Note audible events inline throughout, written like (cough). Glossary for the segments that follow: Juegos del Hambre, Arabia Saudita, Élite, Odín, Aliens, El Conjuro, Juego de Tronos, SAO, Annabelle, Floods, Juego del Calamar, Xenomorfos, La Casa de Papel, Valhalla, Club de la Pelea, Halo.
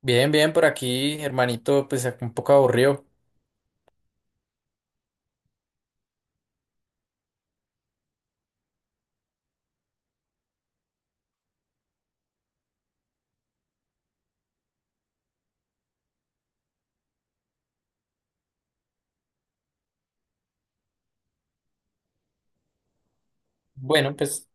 Bien, bien, por aquí, hermanito, pues un poco aburrido. Bueno, pues,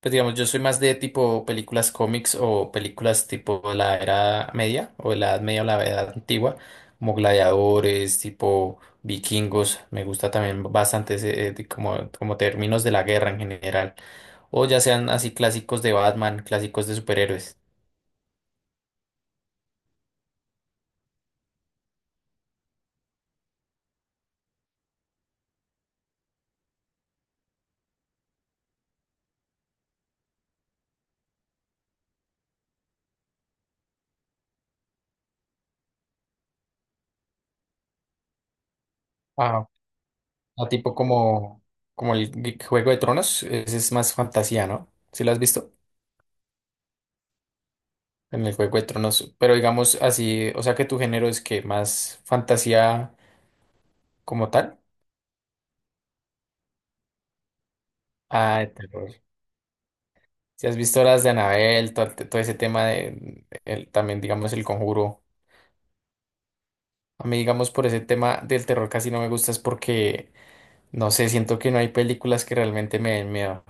pues digamos, yo soy más de tipo películas cómics o películas tipo la era media o la edad media o la edad antigua, como gladiadores, tipo vikingos. Me gusta también bastante ese, de como términos de la guerra en general. O ya sean así clásicos de Batman, clásicos de superhéroes. Ah, a tipo como el Juego de Tronos, ese es más fantasía, ¿no? ¿Sí lo has visto? En el Juego de Tronos. Pero digamos así, o sea que tu género es que más fantasía como tal. Ah, de terror. Si has visto las de Annabelle, todo ese tema también digamos el conjuro. A mí digamos por ese tema del terror casi no me gusta es porque no sé, siento que no hay películas que realmente me den miedo.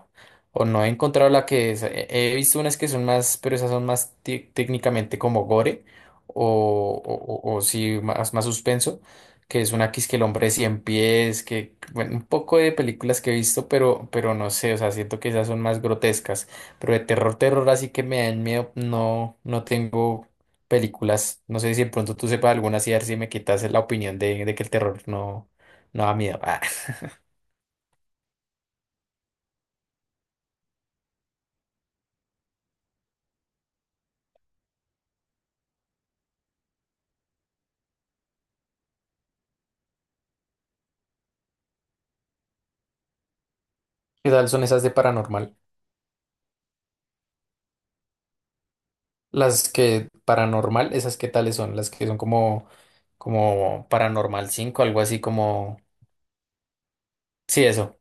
O no he encontrado la que es. He visto unas que son más, pero esas son más técnicamente como gore. O sí, más suspenso. Que es una que es que el hombre de 100 pies. Que, bueno, un poco de películas que he visto, pero no sé. O sea, siento que esas son más grotescas. Pero de terror, terror, así que me dan miedo. No, no tengo películas. No sé si de pronto tú sepas alguna, así a ver si me quitas la opinión de que el terror no, no da miedo. (laughs) ¿Qué tal son esas de paranormal? Las que paranormal, esas qué tales son, las que son como Paranormal 5, algo así como, sí, eso.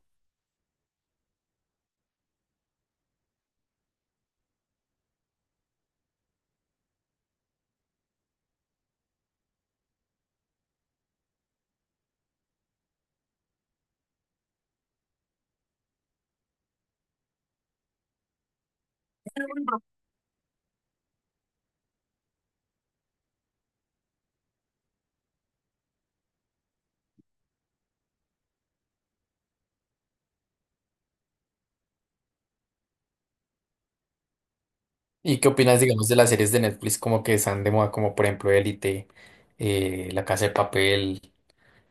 ¿Y qué opinas, digamos, de las series de Netflix como que están de moda, como por ejemplo Élite, La Casa de Papel?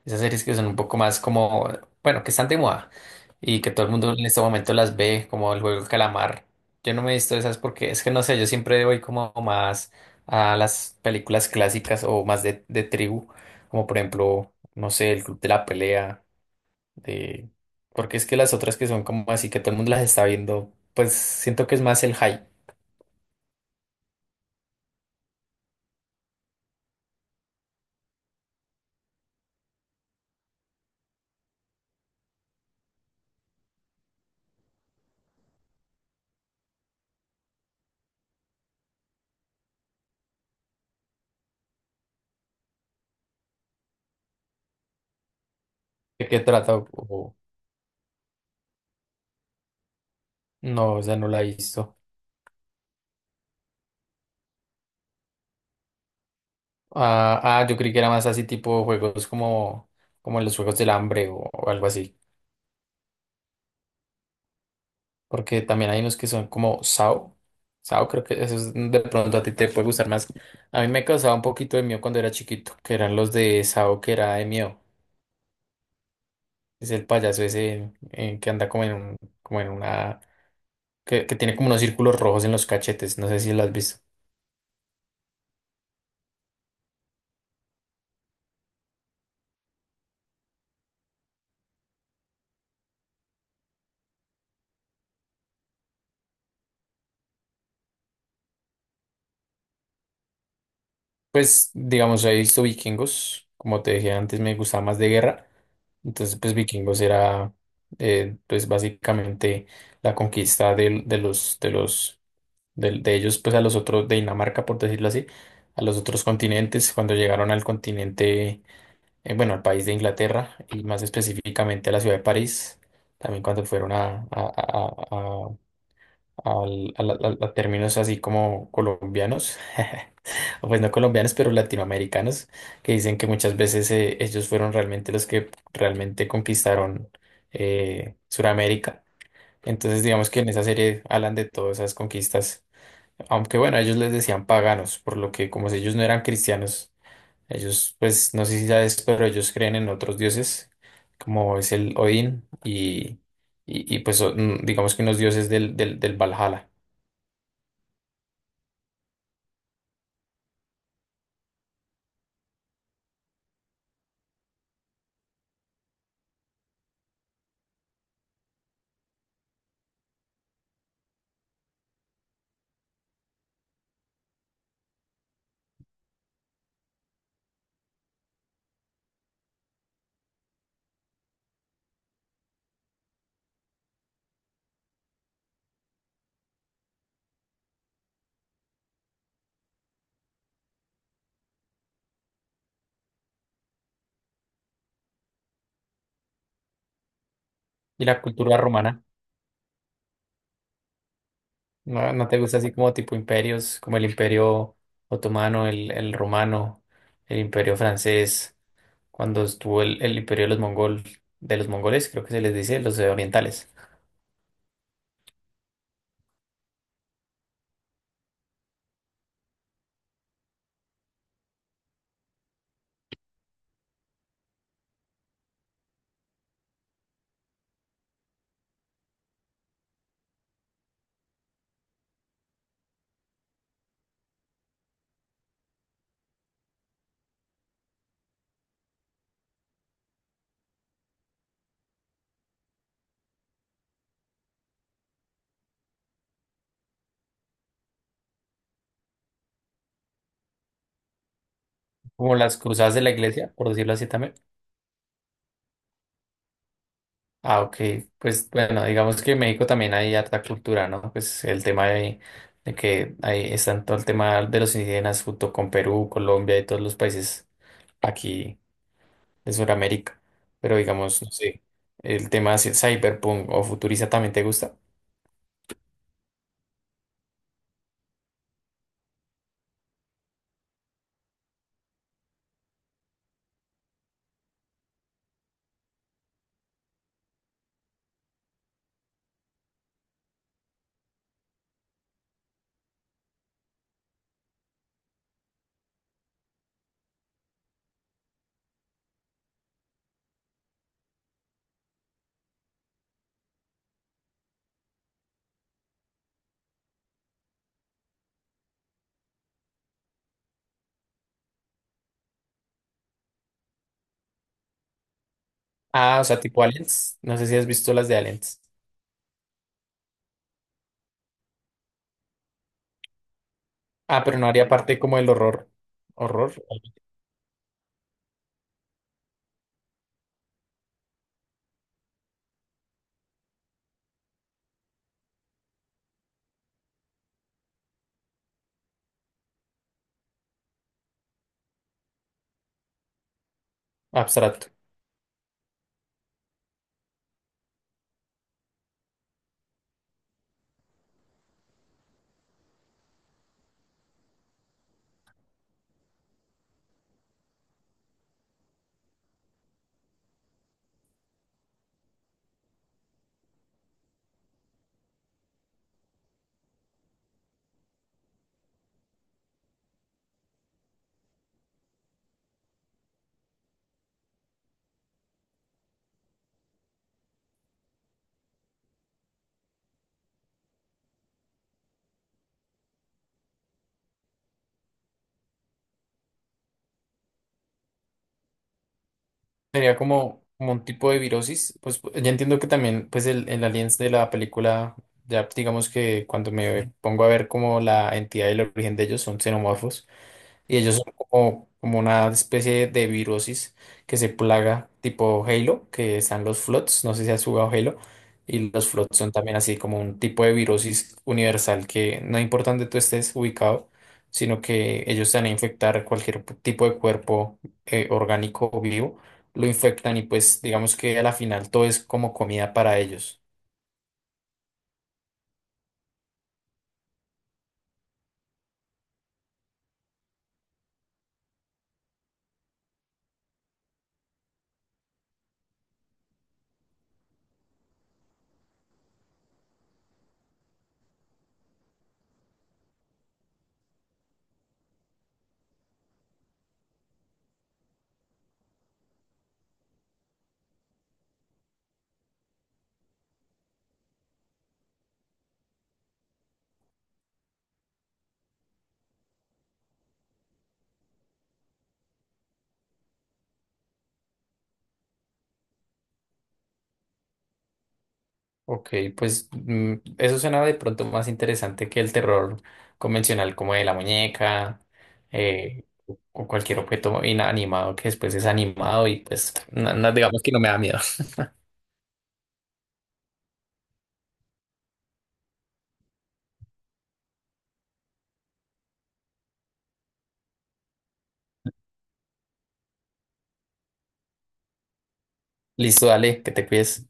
Esas series que son un poco más como, bueno, que están de moda y que todo el mundo en este momento las ve, como el juego del calamar. Yo no me he visto esas porque es que no sé, yo siempre voy como más a las películas clásicas o más de tribu, como por ejemplo, no sé, el Club de la Pelea, de... porque es que las otras que son como así que todo el mundo las está viendo, pues siento que es más el hype de qué trata no, o sea, no la he visto. Ah, ah, yo creí que era más así tipo juegos como los juegos del hambre o algo así. Porque también hay unos que son como SAO. SAO creo que eso de pronto a ti te puede gustar más. A mí me causaba un poquito de miedo cuando era chiquito, que eran los de SAO que era de miedo. Es el payaso ese que anda como en una, que tiene como unos círculos rojos en los cachetes. No sé si lo has visto. Pues, digamos, he visto vikingos, como te dije antes, me gustaba más de guerra. Entonces, pues vikingos era, pues básicamente la conquista de ellos, pues a los otros, de Dinamarca, por decirlo así, a los otros continentes, cuando llegaron al continente, bueno, al país de Inglaterra y más específicamente a la ciudad de París, también cuando fueron a, al- a, la- a términos así como colombianos, (laughs) o pues no colombianos, pero latinoamericanos, que dicen que muchas veces ellos fueron realmente los que realmente conquistaron Suramérica. Entonces, digamos que en esa serie hablan de todas esas conquistas, aunque bueno, ellos les decían paganos, por lo que como si ellos no eran cristianos, ellos, pues no sé si sabes, pero ellos creen en otros dioses, como es el Odín y, pues digamos que unos dioses del Valhalla. ¿Y la cultura romana? ¿No, no te gusta así como tipo imperios, como el imperio otomano, el romano, el imperio francés, cuando estuvo el imperio de los mongoles, creo que se les dice, los orientales, como las cruzadas de la iglesia, por decirlo así también. Ah, ok, pues bueno, digamos que en México también hay harta cultura, ¿no? Pues el tema de que ahí están todo el tema de los indígenas junto con Perú, Colombia y todos los países aquí de Sudamérica. Pero digamos, no sé, el tema así, cyberpunk o futurista también te gusta. Ah, o sea, tipo Aliens. No sé si has visto las de Aliens. Ah, pero no haría parte como del horror. Horror abstracto. Sería como un tipo de virosis. Pues ya entiendo que también, pues el Aliens de la película, ya digamos que cuando me pongo a ver como la entidad y el origen de ellos son xenomorfos. Y ellos son como una especie de virosis que se plaga tipo Halo, que están los Floods, no sé si has jugado Halo, y los Floods son también así como un tipo de virosis universal que no importa dónde tú estés ubicado, sino que ellos te van a infectar cualquier tipo de cuerpo orgánico o vivo, lo infectan y pues digamos que a la final todo es como comida para ellos. Ok, pues eso suena de pronto más interesante que el terror convencional como de la muñeca o cualquier objeto inanimado que después es animado y pues digamos que no me da miedo. (laughs) Listo, dale, que te cuides.